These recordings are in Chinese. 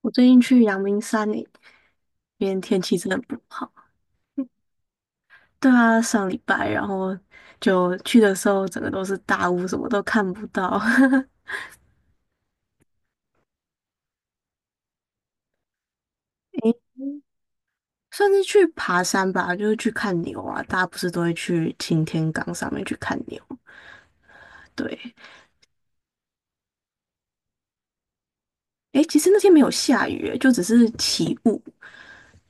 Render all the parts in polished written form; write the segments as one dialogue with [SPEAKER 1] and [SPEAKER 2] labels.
[SPEAKER 1] 我最近去阳明山诶，因为天气真的不好。对啊，上礼拜，然后就去的时候，整个都是大雾，什么都看不到。诶，算是去爬山吧，就是去看牛啊。大家不是都会去擎天岗上面去看牛对，诶，其实那天没有下雨欸，就只是起雾，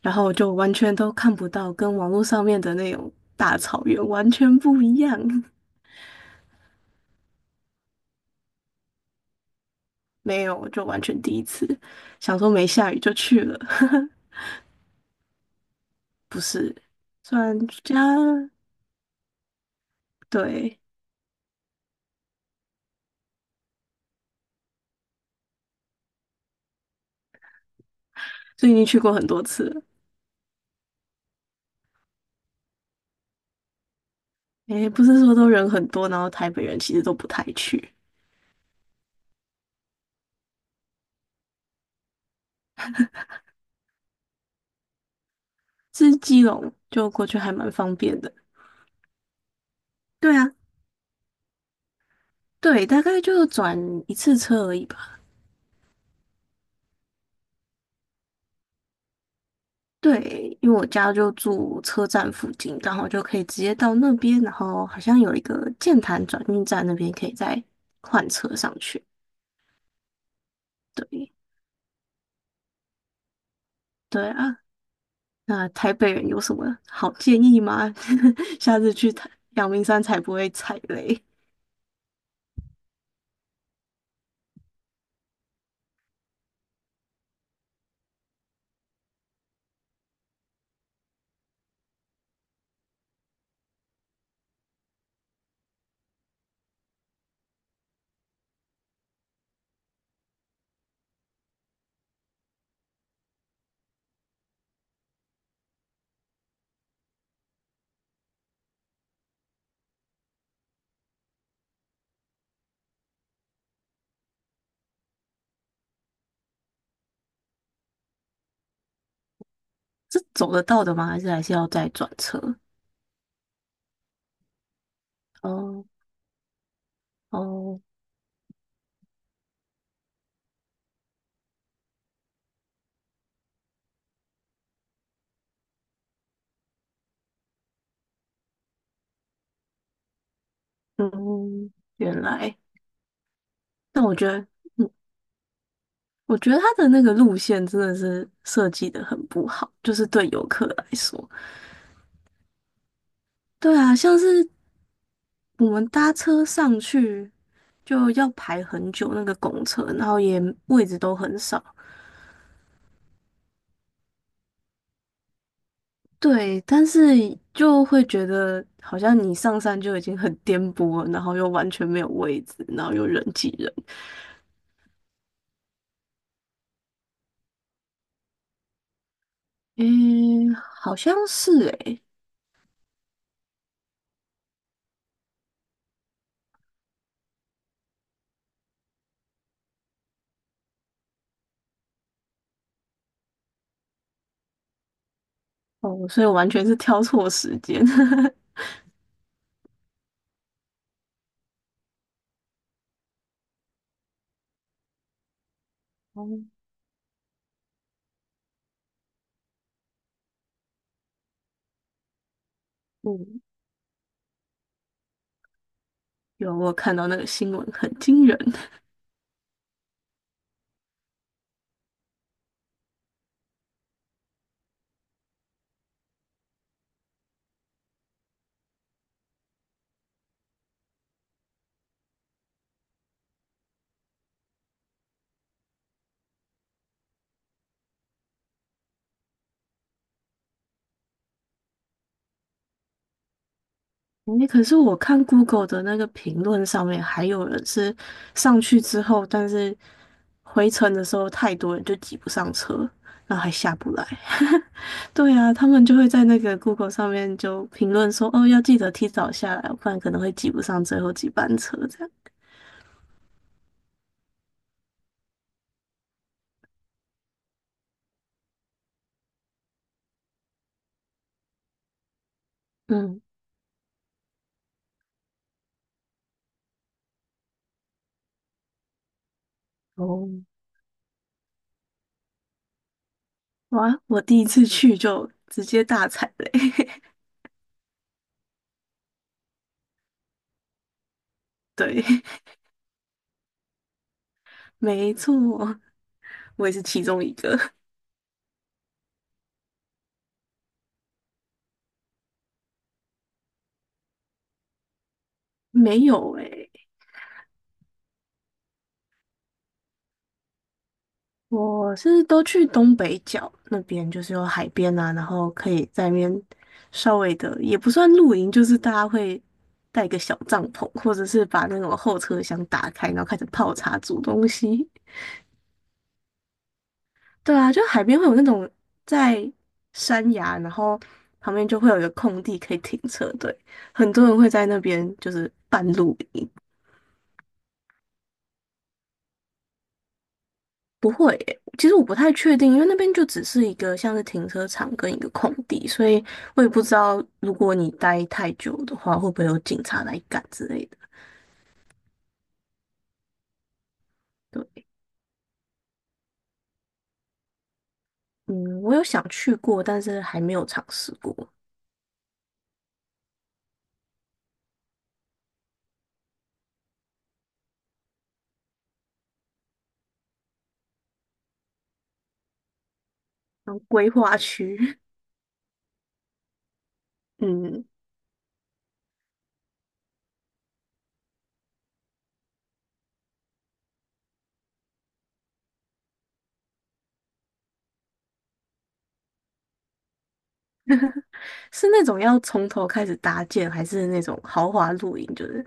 [SPEAKER 1] 然后就完全都看不到，跟网络上面的那种大草原完全不一样。没有，就完全第一次，想说没下雨就去了。不是，转家对，所以已经去过很多次了。诶，不是说都人很多，然后台北人其实都不太去，是基隆就过去还蛮方便的。对啊，对，大概就转一次车而已吧。对，因为我家就住车站附近，刚好就可以直接到那边，然后好像有一个剑潭转运站那边可以再换车上去。对，对啊，那台北人有什么好建议吗？下次去台阳明山才不会踩雷。是走得到的吗？还是要再转车？哦哦，嗯，原来。但我觉得，嗯，我觉得它的那个路线真的是设计的很不好，就是对游客来说。对啊，像是我们搭车上去就要排很久那个公车，然后也位置都很少，对，但是就会觉得好像你上山就已经很颠簸了然后又完全没有位置，然后又人挤人。诶，好像是诶，哦，所以我完全是挑错时间。哦，嗯，我有看到那个新闻，很惊人。诶，可是我看 Google 的那个评论上面，还有人是上去之后，但是回程的时候太多人就挤不上车，然后还下不来。对啊，他们就会在那个 Google 上面就评论说，哦，要记得提早下来，不然可能会挤不上最后几班车这样。嗯，哦，哇，我第一次去就直接大踩雷。对，没错，我也是其中一个。没有诶、我是都去东北角那边，就是有海边啊，然后可以在那边稍微的，也不算露营，就是大家会带个小帐篷，或者是把那种后车厢打开，然后开始泡茶煮东西。对啊，就海边会有那种在山崖，然后旁边就会有一个空地可以停车，对，很多人会在那边就是半露营。不会耶其实我不太确定，因为那边就只是一个像是停车场跟一个空地，所以我也不知道如果你待太久的话，会不会有警察来赶之类的。对，嗯，我有想去过，但是还没有尝试过。然后规划区，嗯，是那种要从头开始搭建，还是那种豪华露营？就是，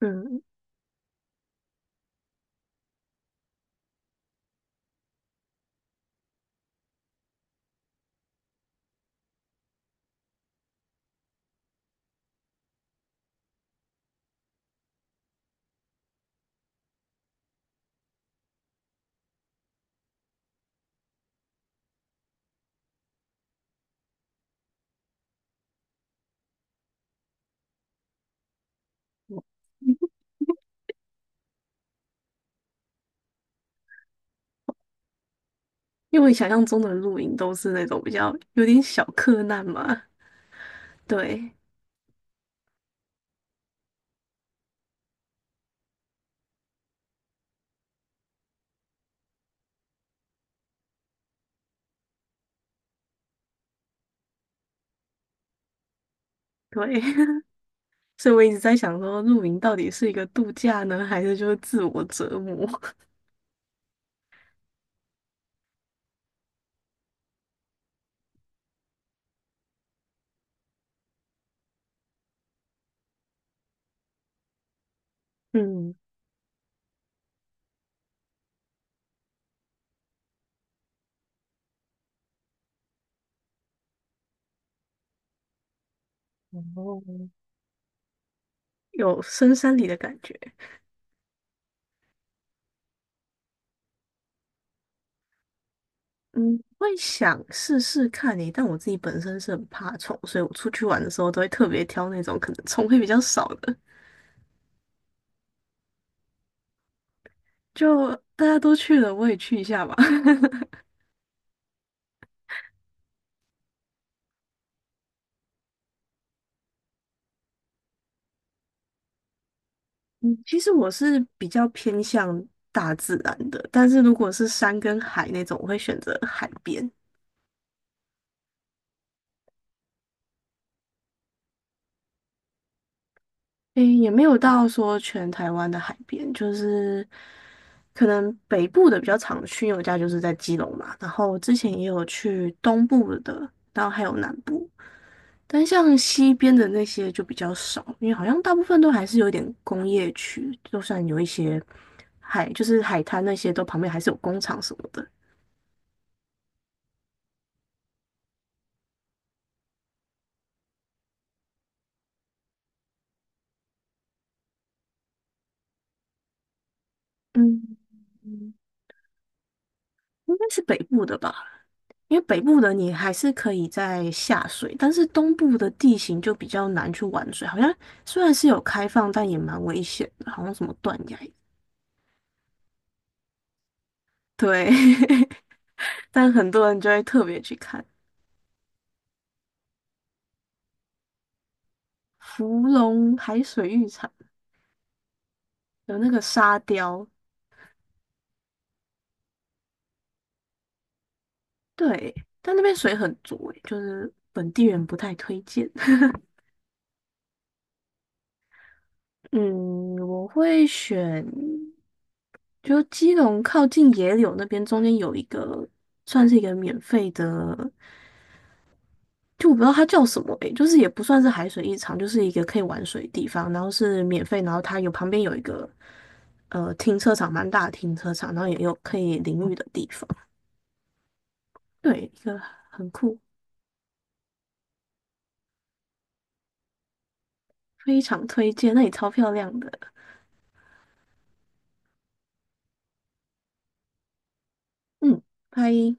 [SPEAKER 1] 嗯，因为我想象中的露营都是那种比较有点小客难嘛。对，对。所以我一直在想说，露营到底是一个度假呢，还是就是自我折磨？嗯，哦，有深山里的感觉。嗯，会想试试看你，但我自己本身是很怕虫，所以我出去玩的时候都会特别挑那种可能虫会比较少的。就大家都去了，我也去一下吧。嗯，其实我是比较偏向大自然的，但是如果是山跟海那种，我会选择海边。诶，也没有到说全台湾的海边，就是可能北部的比较常去，因为我家就是在基隆嘛。然后之前也有去东部的，然后还有南部，但像西边的那些就比较少，因为好像大部分都还是有点工业区，就算有一些海，就是海滩那些，都旁边还是有工厂什么的。嗯，应该是北部的吧。因为北部的你还是可以在下水，但是东部的地形就比较难去玩水，好像虽然是有开放，但也蛮危险的，好像什么断崖，对，但很多人就会特别去看芙蓉海水浴场，有那个沙雕，对，但那边水很浊欸，就是本地人不太推荐。嗯，我会选，就基隆靠近野柳那边，中间有一个算是一个免费的。就我不知道它叫什么诶、就是也不算是海水浴场，就是一个可以玩水的地方，然后是免费，然后它有旁边有一个停车场，蛮大的停车场，然后也有可以淋浴的地方，对，一个很酷，非常推荐，那里超漂亮的，嗯，拜。